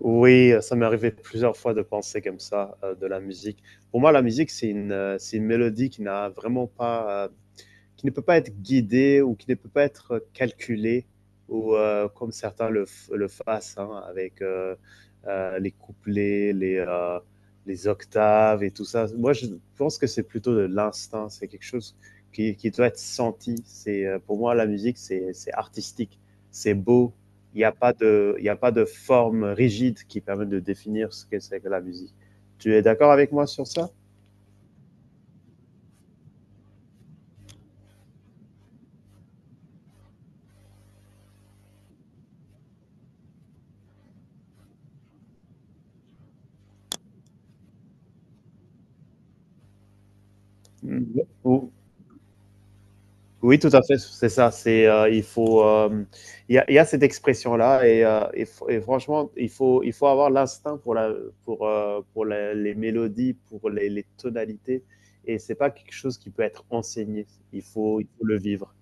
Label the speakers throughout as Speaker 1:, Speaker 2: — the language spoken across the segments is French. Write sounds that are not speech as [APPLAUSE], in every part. Speaker 1: Oui, ça m'est arrivé plusieurs fois de penser comme ça, de la musique. Pour moi, la musique, c'est c'est une mélodie qui n'a vraiment pas, qui ne peut pas être guidé ou qui ne peut pas être calculé ou comme certains le fassent hein, avec les couplets, les octaves et tout ça. Moi, je pense que c'est plutôt de l'instinct, c'est quelque chose qui doit être senti. Pour moi, la musique, c'est artistique, c'est beau. Il y a pas de forme rigide qui permet de définir ce que c'est que la musique. Tu es d'accord avec moi sur ça? Mm. Ou Oui, tout à fait, c'est ça. Il y a cette expression-là et franchement, il faut avoir l'instinct pour la- les mélodies, pour les tonalités. Et c'est pas quelque chose qui peut être enseigné. Il faut le vivre.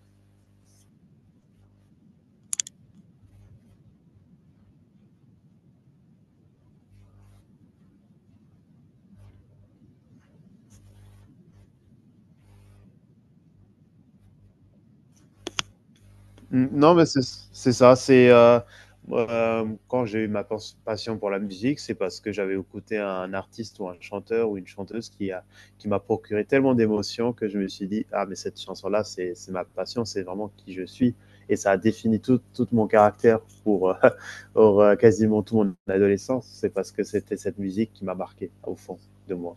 Speaker 1: Mm, non, mais c'est ça. C'est quand j'ai eu ma passion pour la musique, c'est parce que j'avais écouté un artiste ou un chanteur ou une chanteuse qui m'a procuré tellement d'émotions que je me suis dit, ah, mais cette chanson-là, c'est ma passion, c'est vraiment qui je suis. Et ça a défini tout mon caractère pour, [LAUGHS] pour, quasiment toute mon adolescence. C'est parce que c'était cette musique qui m'a marqué au fond de moi.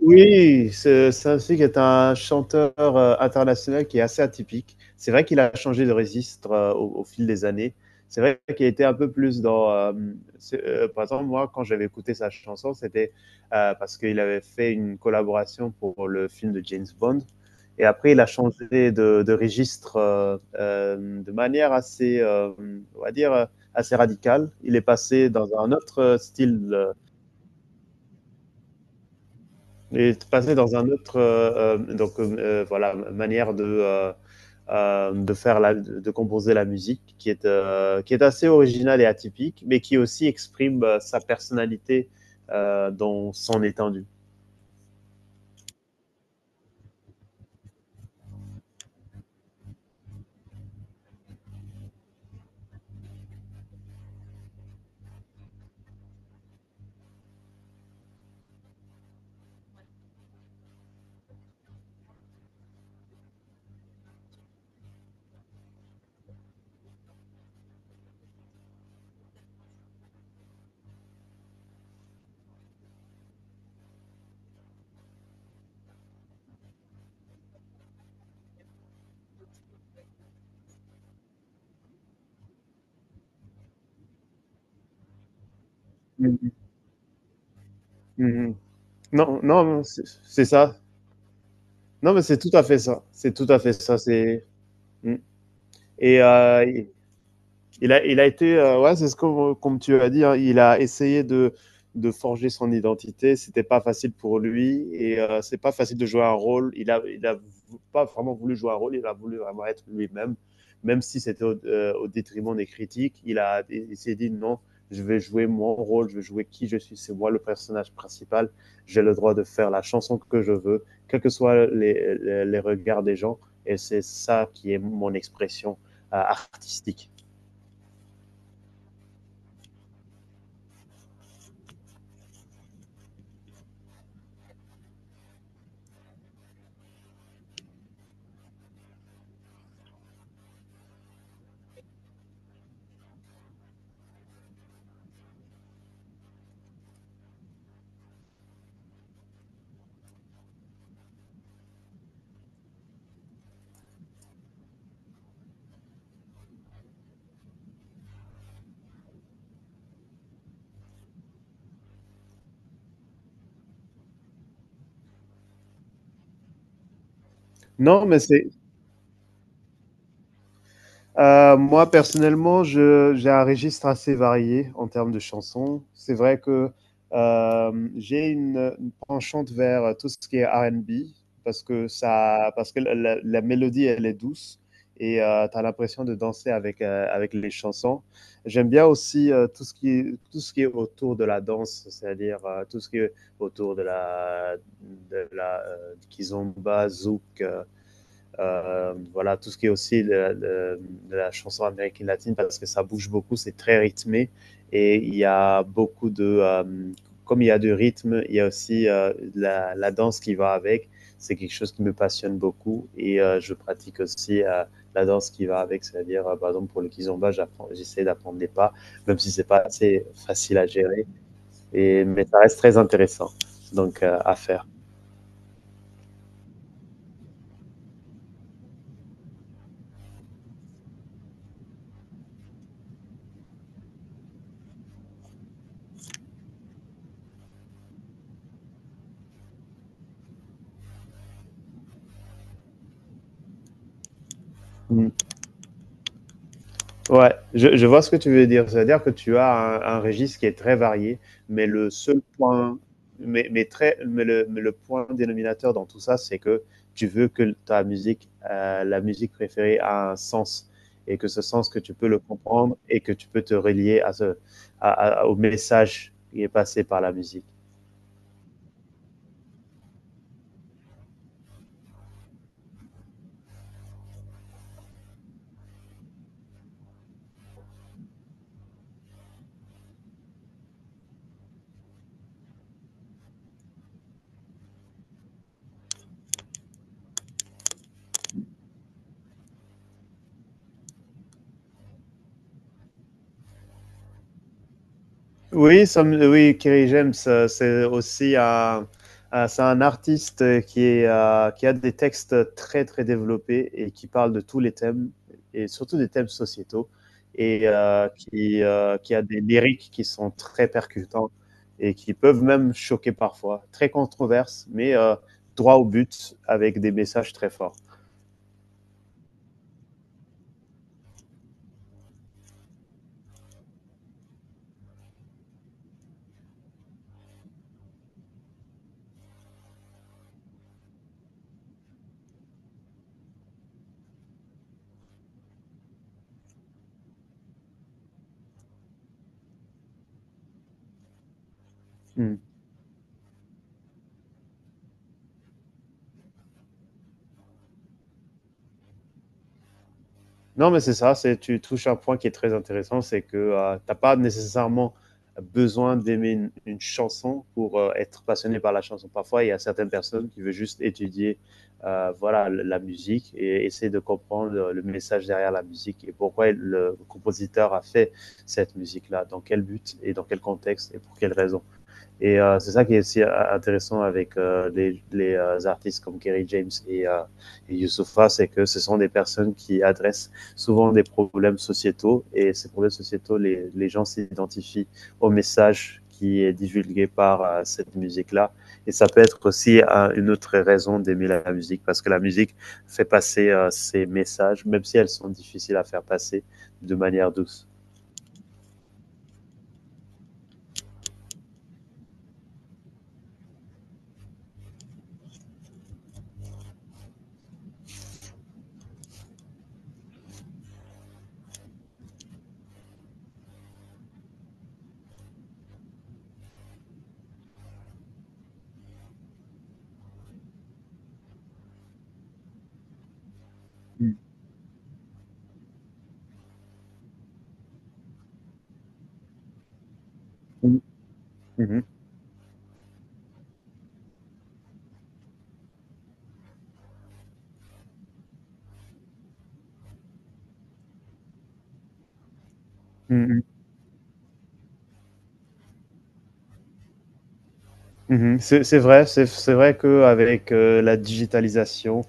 Speaker 1: Oui, c'est aussi qui est un chanteur international qui est assez atypique. C'est vrai qu'il a changé de registre au fil des années. C'est vrai qu'il était un peu plus dans. Par exemple, moi, quand j'avais écouté sa chanson, c'était parce qu'il avait fait une collaboration pour le film de James Bond. Et après, il a changé de registre de manière assez, on va dire, assez radicale. Il est passé dans un autre style et de passer dans un autre, donc voilà, manière de de composer la musique, qui est assez originale et atypique, mais qui aussi exprime sa personnalité dans son étendue. Mhm, mhm. Non, non, c'est ça. Non, mais c'est tout à fait ça. C'est tout à fait ça. C'est Mm. et, euh, il a été, ouais, c'est ce qu'on tu as dit, hein, il a essayé de forger son identité, c'était pas facile pour lui et c'est pas facile de jouer un rôle. Il a pas vraiment voulu jouer un rôle, il a voulu vraiment être lui-même, même si c'était au détriment des critiques. Il s'est dit non, je vais jouer mon rôle, je vais jouer qui je suis, c'est moi le personnage principal. J'ai le droit de faire la chanson que je veux, quels que soient les regards des gens et c'est ça qui est mon expression artistique. Non, mais c'est moi personnellement, je j'ai un registre assez varié en termes de chansons. C'est vrai que j'ai une penchante vers tout ce qui est R&B parce que ça, parce que la mélodie elle est douce et tu as l'impression de danser avec avec les chansons. J'aime bien aussi tout ce qui est, tout ce qui est autour de la danse, c'est-à-dire tout ce qui est autour de la kizomba, zouk. Voilà, Tout ce qui est aussi de, la chanson américaine latine parce que ça bouge beaucoup, c'est très rythmé et il y a beaucoup comme il y a du rythme, il y a aussi la danse qui va avec. C'est quelque chose qui me passionne beaucoup et je pratique aussi la danse qui va avec, c'est-à-dire par exemple pour le kizomba, j'essaie d'apprendre des pas, même si c'est pas assez facile à gérer, mais ça reste très intéressant donc à faire. Ouais, je vois ce que tu veux dire. C'est-à-dire que tu as un registre qui est très varié, mais le seul point, mais très, mais le point dénominateur dans tout ça, c'est que tu veux que ta musique, la musique préférée a un sens et que ce sens que tu peux le comprendre et que tu peux te relier à à- au message qui est passé par la musique. Oui, Kerry James, c'est aussi c'est un artiste qui est qui a des textes très développés et qui parle de tous les thèmes, et surtout des thèmes sociétaux, et qui a des lyriques qui sont très percutants et qui peuvent même choquer parfois, très controverses, mais droit au but avec des messages très forts. Hmm. Non, mais c'est ça, c'est, tu touches un point qui est très intéressant, c'est que t'as pas nécessairement besoin d'aimer une chanson pour être passionné par la chanson. Parfois, il y a certaines personnes qui veulent juste étudier la musique et essayer de comprendre le message derrière la musique et pourquoi le compositeur a fait cette musique-là, dans quel but et dans quel contexte et pour quelle raison. Et c'est ça qui est aussi intéressant avec les artistes comme Kerry James et Youssoupha, c'est que ce sont des personnes qui adressent souvent des problèmes sociétaux et ces problèmes sociétaux, les gens s'identifient au message qui est divulgué par cette musique-là. Et ça peut être aussi une autre raison d'aimer la musique, parce que la musique fait passer ces messages, même si elles sont difficiles à faire passer de manière douce. Mm -hmm. Mm -hmm. Mhm. C'est vrai, c'est vrai qu'avec, la digitalisation,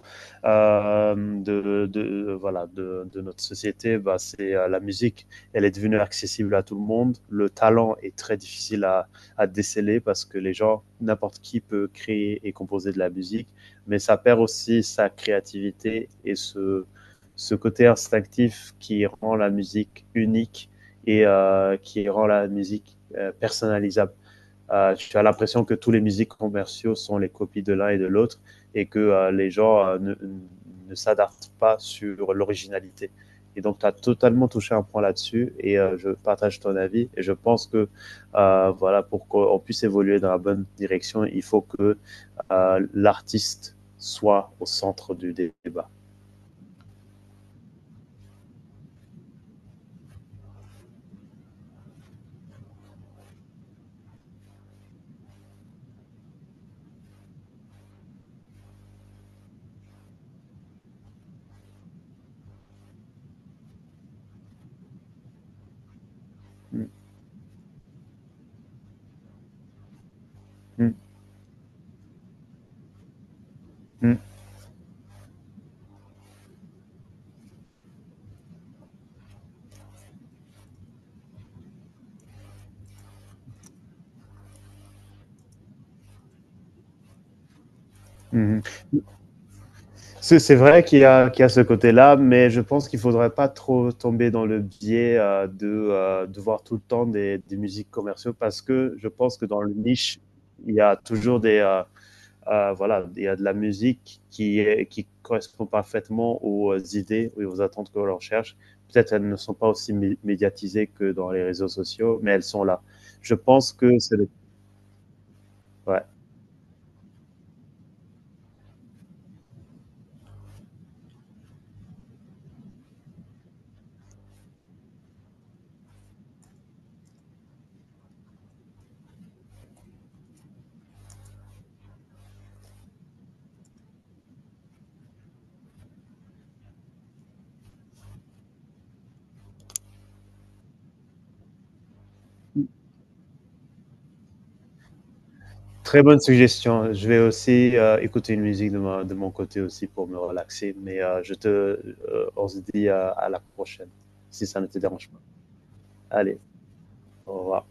Speaker 1: de de notre société, bah, c'est, la musique, elle est devenue accessible à tout le monde. Le talent est très difficile à déceler parce que les gens n'importe qui peut créer et composer de la musique, mais ça perd aussi sa créativité et ce côté instinctif qui rend la musique unique et qui rend la musique, personnalisable. Tu as l'impression que tous les musiques commerciaux sont les copies de l'un et de l'autre et que les gens ne, ne s'adaptent pas sur l'originalité. Et donc, tu as totalement touché un point là-dessus et je partage ton avis. Et je pense que, voilà, pour qu'on puisse évoluer dans la bonne direction, il faut que l'artiste soit au centre du débat. Mm -hmm. Mm -hmm. C'est vrai qu'il y a ce côté-là, mais je pense qu'il ne faudrait pas trop tomber dans le biais de voir tout le temps des musiques commerciaux parce que je pense que dans le niche, il y a toujours il y a de la musique qui correspond parfaitement aux idées et aux attentes que l'on recherche. Peut-être elles ne sont pas aussi médiatisées que dans les réseaux sociaux, mais elles sont là. Je pense que c'est le... ouais. Très bonne suggestion. Je vais aussi écouter une musique de mon côté aussi pour me relaxer. Mais on se dit à la prochaine, si ça ne te dérange pas. Allez, au revoir.